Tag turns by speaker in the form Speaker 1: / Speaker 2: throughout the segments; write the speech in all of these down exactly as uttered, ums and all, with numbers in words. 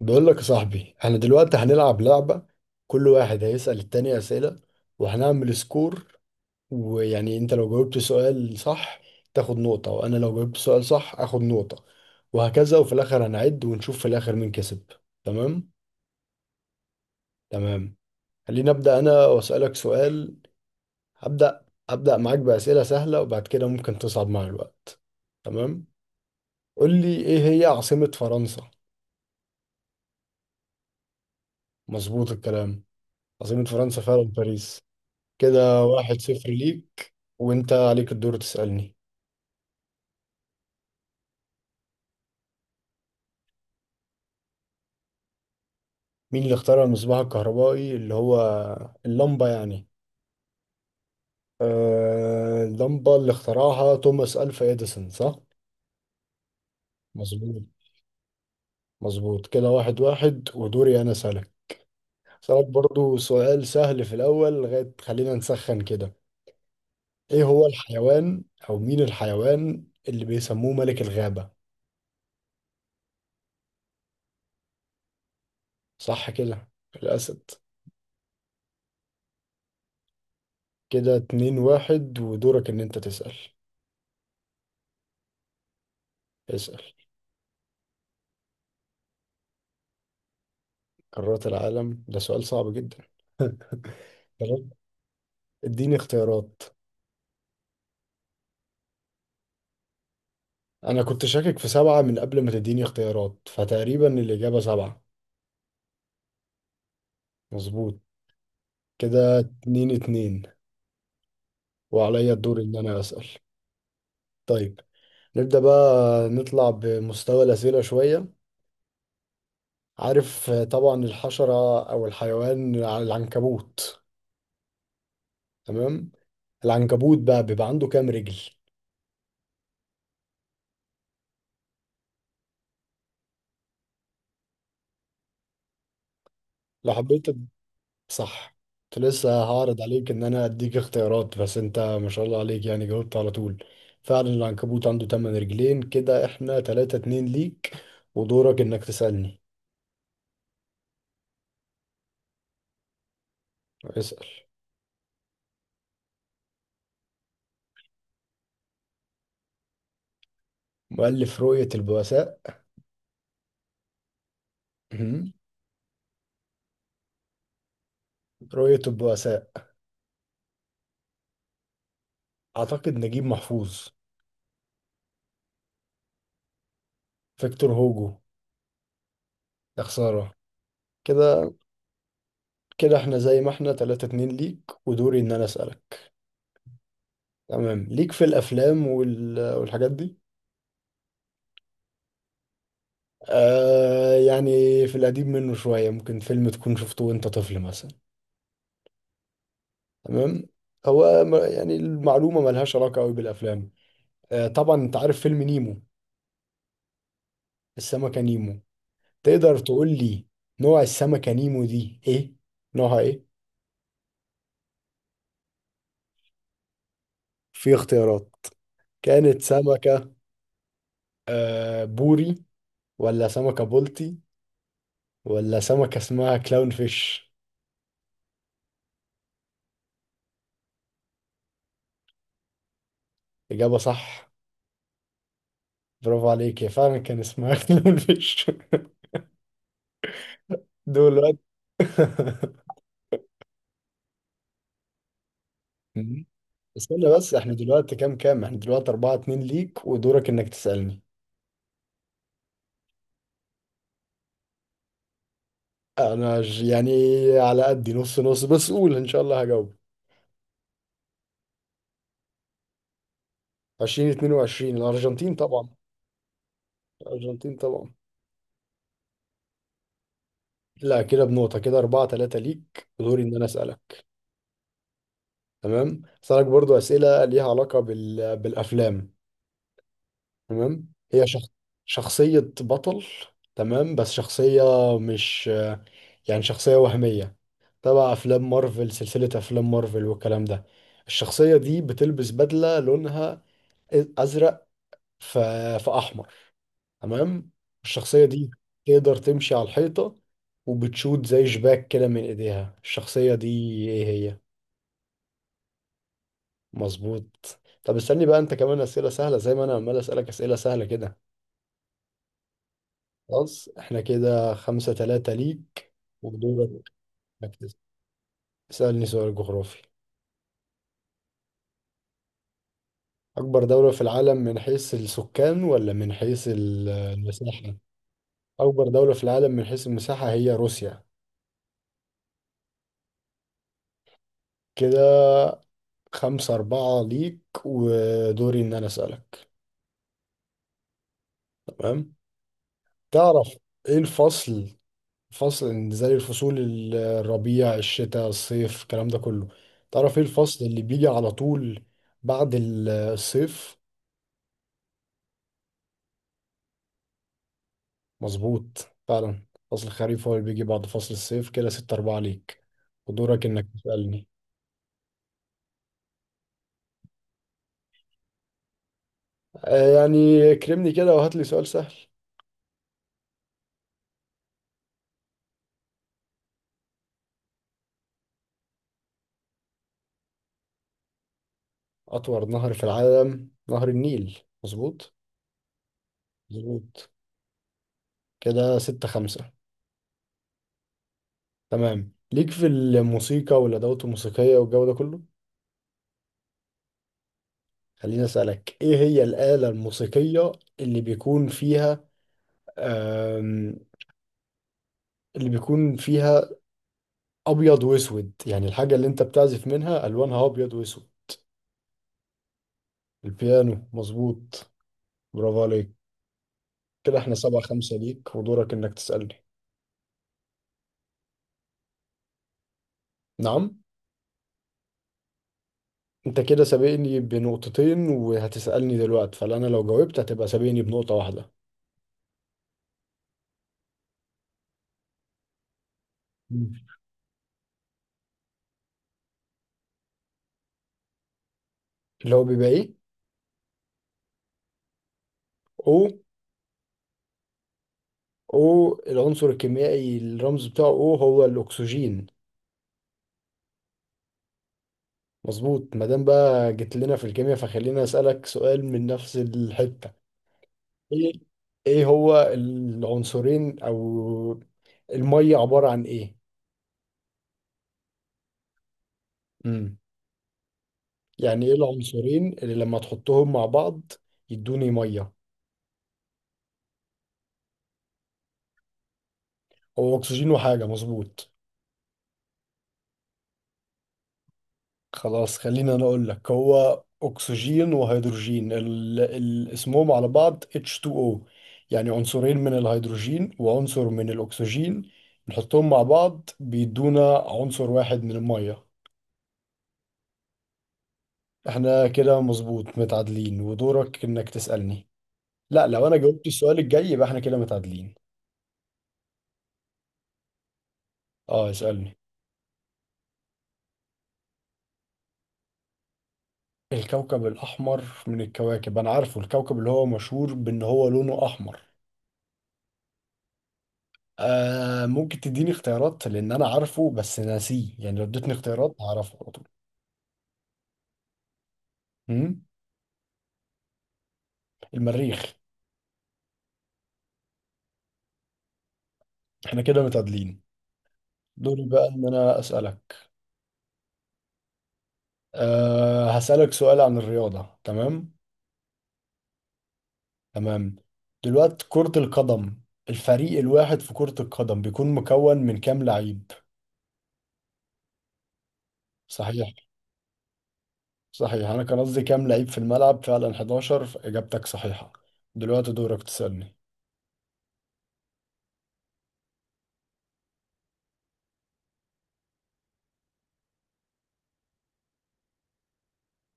Speaker 1: بقول لك يا صاحبي، احنا دلوقتي هنلعب لعبة. كل واحد هيسأل التاني أسئلة، وهنعمل سكور. ويعني انت لو جاوبت سؤال صح تاخد نقطة، وانا لو جاوبت سؤال صح اخد نقطة، وهكذا. وفي الاخر هنعد ونشوف في الاخر مين كسب. تمام؟ تمام. خليني ابدأ انا واسألك سؤال. هبدأ ابدأ معاك بأسئلة سهلة، وبعد كده ممكن تصعب مع الوقت. تمام. قول لي، ايه هي عاصمة فرنسا؟ مظبوط الكلام. عاصمة فرنسا فعلا باريس. كده واحد صفر ليك، وانت عليك الدور تسألني. مين اللي اخترع المصباح الكهربائي، اللي هو اللمبة يعني؟ آه، اللمبة اللي اخترعها توماس ألفا إديسون، صح؟ مظبوط. مظبوط كده واحد واحد، ودوري أنا أسألك. أسألك برضو سؤال سهل في الأول لغاية خلينا نسخن كده. إيه هو الحيوان، أو مين الحيوان اللي بيسموه ملك الغابة؟ صح كده، الأسد. كده اتنين واحد، ودورك إن أنت تسأل. اسأل. قارات العالم، ده سؤال صعب جدا. تمام، اديني اختيارات. انا كنت شاكك في سبعة من قبل ما تديني اختيارات، فتقريبا الإجابة سبعة. مظبوط كده اتنين اتنين، وعليا الدور ان انا اسأل. طيب، نبدأ بقى نطلع بمستوى الأسئلة شوية. عارف، آه، طبعا الحشرة او الحيوان على العنكبوت؟ تمام. العنكبوت بقى بيبقى عنده كام رجل؟ لو حبيت. صح. كنت لسه هعرض عليك ان انا اديك اختيارات، بس انت ما شاء الله عليك، يعني جاوبت على طول. فعلا العنكبوت عنده تمن رجلين. كده احنا تلاتة اتنين ليك، ودورك انك تسألني. اسأل. مؤلف رؤية البؤساء. مهم. رؤية البؤساء، اعتقد نجيب محفوظ. فيكتور هوجو. يا خسارة. كده. كده احنا زي ما احنا تلاتة اتنين ليك، ودوري ان انا اسألك. تمام. ليك في الافلام وال... والحاجات دي؟ آه يعني. في القديم منه شوية، ممكن فيلم تكون شفته وانت طفل مثلا. تمام. هو م- يعني المعلومة ملهاش علاقة قوي بالأفلام. آه طبعا، انت عارف فيلم نيمو؟ السمكة نيمو. تقدر تقول لي نوع السمكة نيمو دي ايه، نوعها ايه؟ في اختيارات. كانت سمكة، آه، بوري، ولا سمكة بولتي، ولا سمكة اسمها كلاون فيش؟ إجابة صح. برافو عليك، هي فعلا كان اسمها كلاون فيش. دول. استنى بس، احنا دلوقتي كام كام؟ احنا دلوقتي أربعة اتنين ليك، ودورك انك تسألني. انا ج- يعني على قدي، نص نص، بس قول ان شاء الله هجاوب. ألفين واتنين وعشرين الارجنتين طبعا. الارجنتين طبعا. لا، كده بنقطة. كده أربعة تلاتة ليك، ودوري ان انا اسألك. تمام، اسألك برضو اسئلة ليها علاقة بال... بالافلام. تمام. هي شخ... شخصية بطل. تمام، بس شخصية، مش يعني، شخصية وهمية. تبع أفلام مارفل، سلسلة أفلام مارفل والكلام ده. الشخصية دي بتلبس بدلة لونها أزرق، ف- فأحمر. تمام. الشخصية دي تقدر تمشي على الحيطة، وبتشوت زي شباك كده من إيديها. الشخصية دي إيه هي؟ مظبوط. طب استني بقى، أنت كمان أسئلة سهلة زي ما أنا عمال أسألك أسئلة سهلة كده. خلاص، إحنا كده خمسة تلاتة ليك. ودورك إنك تسألني سؤال جغرافي. أكبر دولة في العالم من حيث السكان ولا من حيث ال- المساحة؟ أكبر دولة في العالم من حيث المساحة هي روسيا. كده خمسة أربعة ليك، ودوري إن أنا أسألك. تمام؟ تعرف إيه الفصل؟ فصل إن، زي الفصول، ال- الربيع، الشتاء، الصيف، الكلام ده كله. تعرف إيه الفصل اللي بيجي على طول بعد ال- الصيف؟ مظبوط فعلا. فصل الخريف هو اللي بيجي بعد فصل الصيف. كده ستة أربعة ليك، ودورك إنك تسألني. آه، يعني كرمني كده وهات لي سؤال سهل. أطول نهر في العالم نهر النيل، مظبوط. مظبوط كده ستة خمسة. تمام، ليك في الموسيقى والأدوات الموسيقية والجو ده كله. خليني أسألك، إيه هي الآلة الموسيقية اللي بيكون فيها آم، اللي بيكون فيها أبيض وأسود؟ يعني الحاجة اللي أنت بتعزف منها ألوانها أبيض وأسود. البيانو، مظبوط. برافو عليك. كده احنا سبعة خمسة ليك، ودورك إنك تسألني. نعم. انت كده سابقني بنقطتين، وهتسألني دلوقتي، فانا لو جاوبت هتبقى سابقني بنقطة واحدة. مم. اللي هو بيبقى ايه، او او العنصر الكيميائي الرمز بتاعه او، هو الاكسجين. مظبوط. ما دام بقى جيت لنا في الكيمياء، فخلينا اسالك سؤال من نفس الحته. ايه ايه هو العنصرين، او الميه عباره عن ايه؟ امم يعني ايه العنصرين اللي لما تحطهم مع بعض يدوني ميه؟ هو اكسجين وحاجه، مظبوط. خلاص، خليني انا اقول لك، هو اكسجين وهيدروجين، ال... ال... اسمهم على بعض اتش تو او. يعني عنصرين من الهيدروجين وعنصر من الاكسجين، نحطهم مع بعض بيدونا عنصر واحد من المية. احنا كده مظبوط متعادلين، ودورك انك تسألني. لا، لو انا جاوبت السؤال الجاي يبقى احنا كده متعادلين. اه، اسألني. الكوكب الاحمر من الكواكب، انا عارفه، الكوكب اللي هو مشهور بان هو لونه احمر. آه، ممكن تديني اختيارات، لان انا عارفه بس ناسيه، يعني لو اديتني اختيارات هعرفه على طول. مم؟ المريخ. احنا كده متعادلين. دوري بقى ان انا اسالك. أه، هسالك سؤال عن الرياضه، تمام؟ تمام. دلوقتي كره القدم، الفريق الواحد في كره القدم بيكون مكون من كام لعيب؟ صحيح. صحيح، انا كان قصدي كام لعيب في الملعب، فعلا حداشر اجابتك صحيحه. دلوقتي دورك تسالني.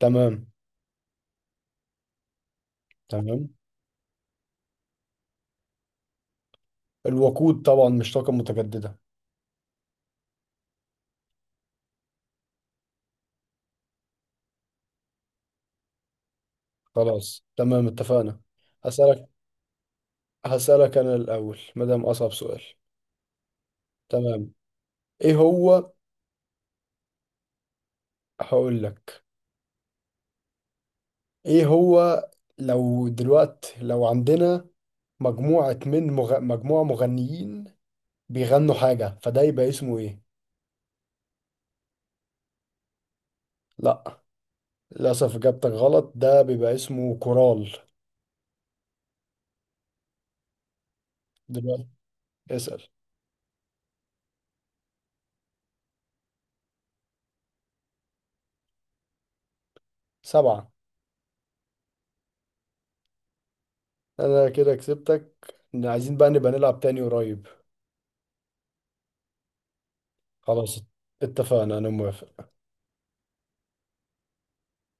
Speaker 1: تمام. تمام، الوقود طبعا مش طاقه متجدده. خلاص تمام، اتفقنا. هسألك هسألك أنا الأول ما دام أصعب سؤال. تمام. إيه هو، هقول لك إيه هو، لو دلوقتي لو عندنا مجموعة من مغ... مجموعة مغنيين بيغنوا حاجة، فده يبقى اسمه إيه؟ لا، للأسف إجابتك غلط. ده بيبقى اسمه كورال. دلوقتي اسأل. سبعة. أنا كده كسبتك. عايزين بقى نبقى نلعب تاني قريب. خلاص اتفقنا، أنا موافق.